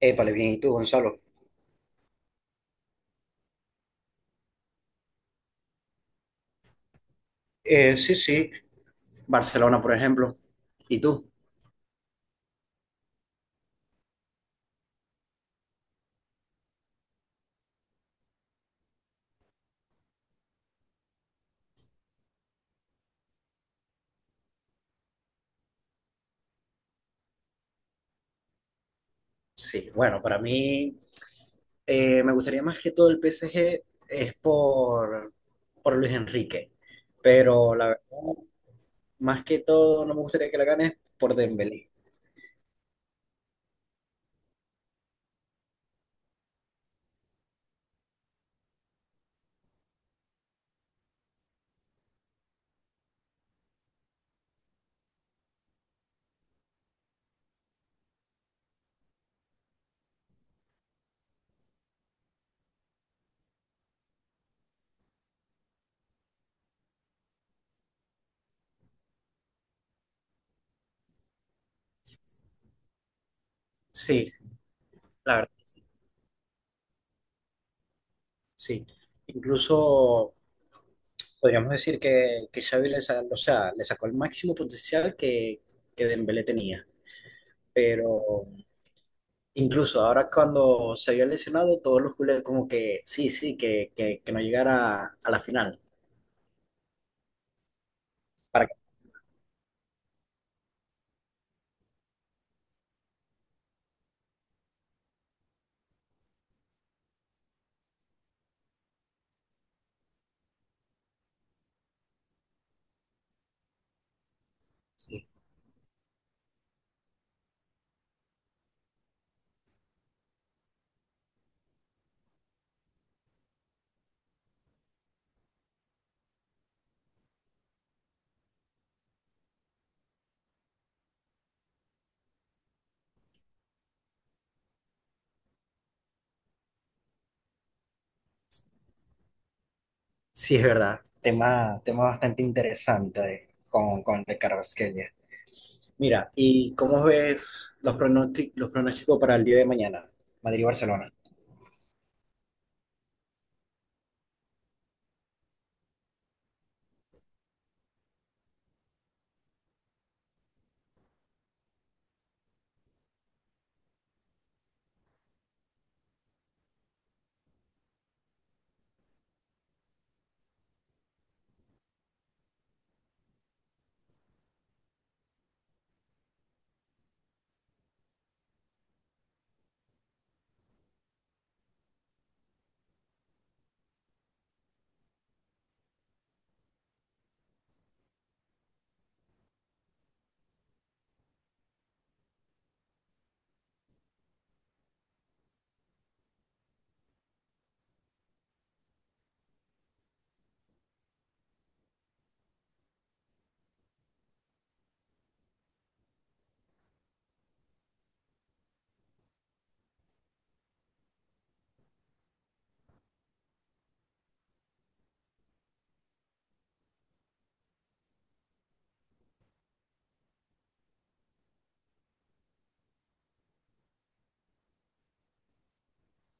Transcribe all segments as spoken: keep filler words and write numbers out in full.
Épale, bien, ¿y tú, Gonzalo? Eh, sí, sí, Barcelona, por ejemplo. ¿Y tú? Sí, bueno, para mí eh, me gustaría más que todo el P S G, es por, por Luis Enrique, pero la verdad, más que todo no me gustaría que la ganes por Dembélé. Sí, sí, la verdad, sí. Incluso podríamos decir que, que Xavi le, sa- o sea, le sacó el máximo potencial que, que Dembélé tenía, pero incluso ahora cuando se había lesionado, todos los culés como que sí, sí, que, que, que no llegara a la final. Para que, sí, sí, es verdad. Tema, tema bastante interesante de- con, con el de Carvajal. Mira, ¿y cómo ves los pronósticos, los pronósticos para el día de mañana? Madrid-Barcelona.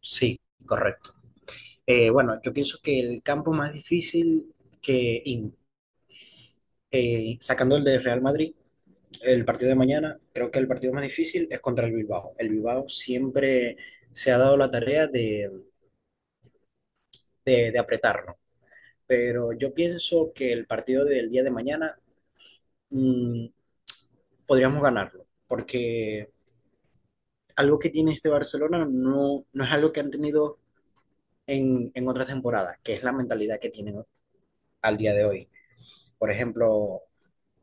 Sí, correcto. Eh, bueno, yo pienso que el campo más difícil que, in- eh, sacando el de Real Madrid, el partido de mañana, creo que el partido más difícil es contra el Bilbao. El Bilbao siempre se ha dado la tarea de, de, de apretarlo, pero yo pienso que el partido del día de mañana mm, podríamos ganarlo, porque algo que tiene este Barcelona, no, no es algo que han tenido en, en otras temporadas, que es la mentalidad que tienen al día de hoy. Por ejemplo,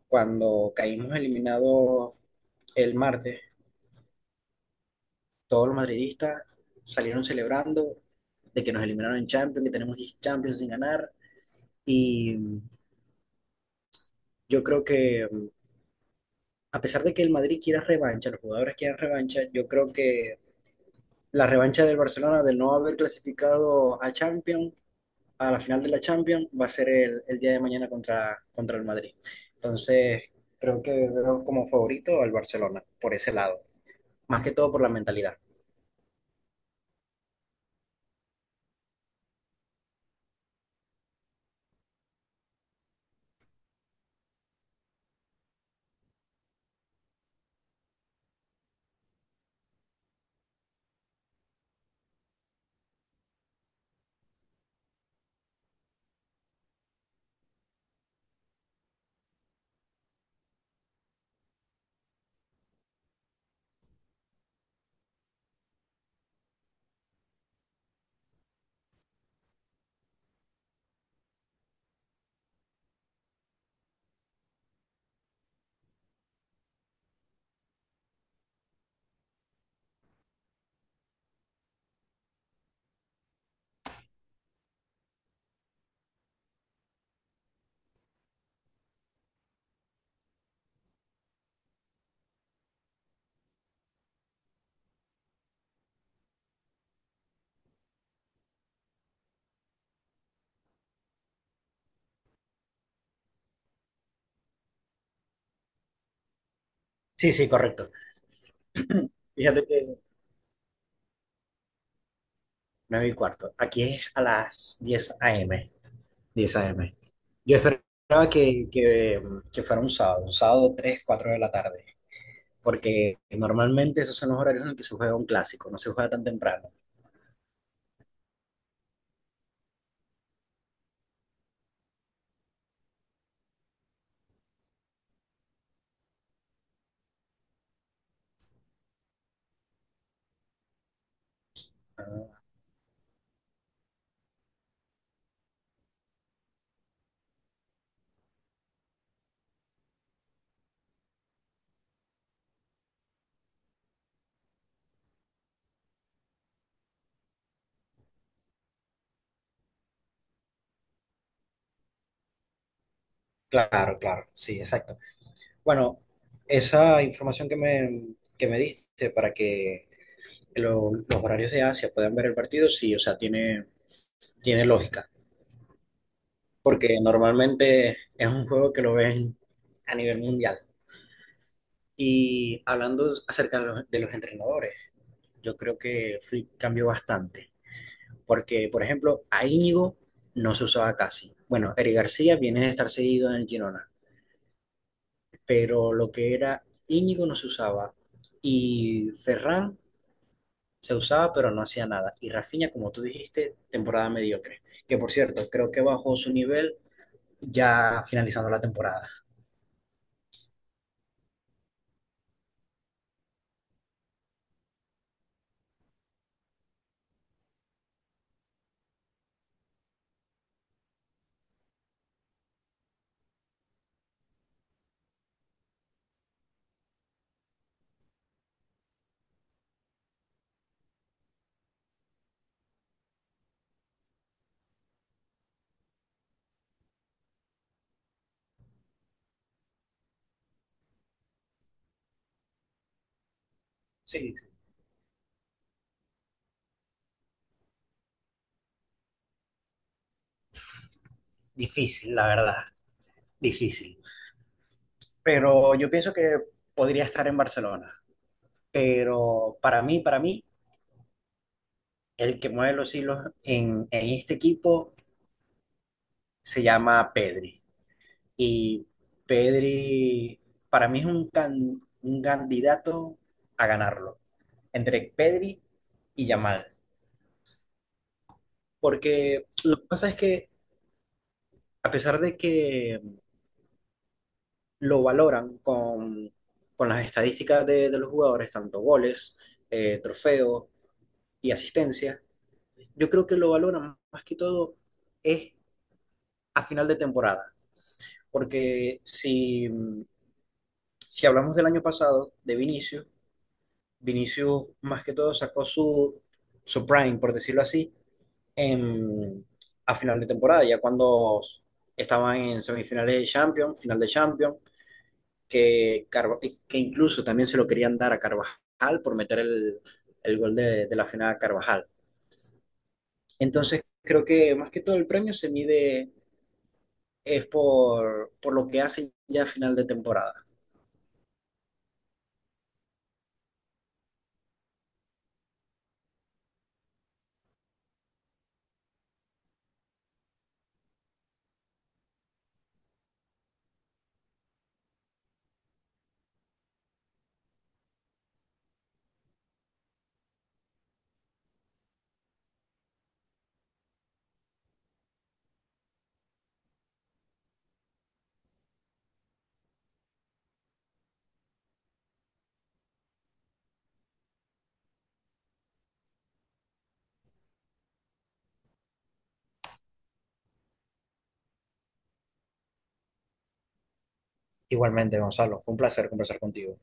cuando caímos eliminados el martes, todos los madridistas salieron celebrando de que nos eliminaron en Champions, que tenemos diez Champions sin ganar. Y yo creo que, a pesar de que el Madrid quiera revancha, los jugadores quieran revancha, yo creo que la revancha del Barcelona de no haber clasificado a Champions, a la final de la Champions, va a ser el, el día de mañana contra, contra el Madrid. Entonces, creo que veo como favorito al Barcelona, por ese lado, más que todo por la mentalidad. Sí, sí, correcto. Fíjate que nueve y cuarto. Aquí es a las diez a m diez a m Yo esperaba que, que, que fuera un sábado, un sábado, tres cuatro de la tarde, porque normalmente esos son los horarios en los que se juega un clásico, no se juega tan temprano. Ah, claro, claro, sí, exacto. Bueno, esa información que me, que me diste para que lo- los horarios de Asia puedan ver el partido, sí, o sea, tiene, tiene lógica, porque normalmente es un juego que lo ven a nivel mundial. Y hablando acerca de los, de los entrenadores, yo creo que Flick cambió bastante, porque, por ejemplo, a Íñigo no se usaba casi. Bueno, Eric García viene de estar seguido en el Girona, pero lo que era Íñigo no se usaba, y Ferran se usaba pero no hacía nada. Y Rafinha, como tú dijiste, temporada mediocre, que por cierto, creo que bajó su nivel ya finalizando la temporada. Sí, difícil, la verdad, difícil. Pero yo pienso que podría estar en Barcelona. pero para mí, para mí, el que mueve los hilos en, en este equipo se llama Pedri. Y Pedri, para mí, es un, can- un candidato a ganarlo, entre Pedri y Yamal. Porque lo que pasa es que, a pesar de que lo valoran con, con las estadísticas de, de los jugadores, tanto goles, eh, trofeos y asistencia, yo creo que lo valoran más que todo es a final de temporada. Porque si, mm, si hablamos del año pasado, de Vinicius, Vinicius más que todo sacó su, su prime, por decirlo así, en, a final de temporada, ya cuando estaban en semifinales de Champions, final de Champions, que, Carva- que incluso también se lo querían dar a Carvajal por meter el, el gol de, de la final a Carvajal. Entonces creo que más que todo el premio se mide es por, por lo que hacen ya a final de temporada. Igualmente, Gonzalo, fue un placer conversar contigo.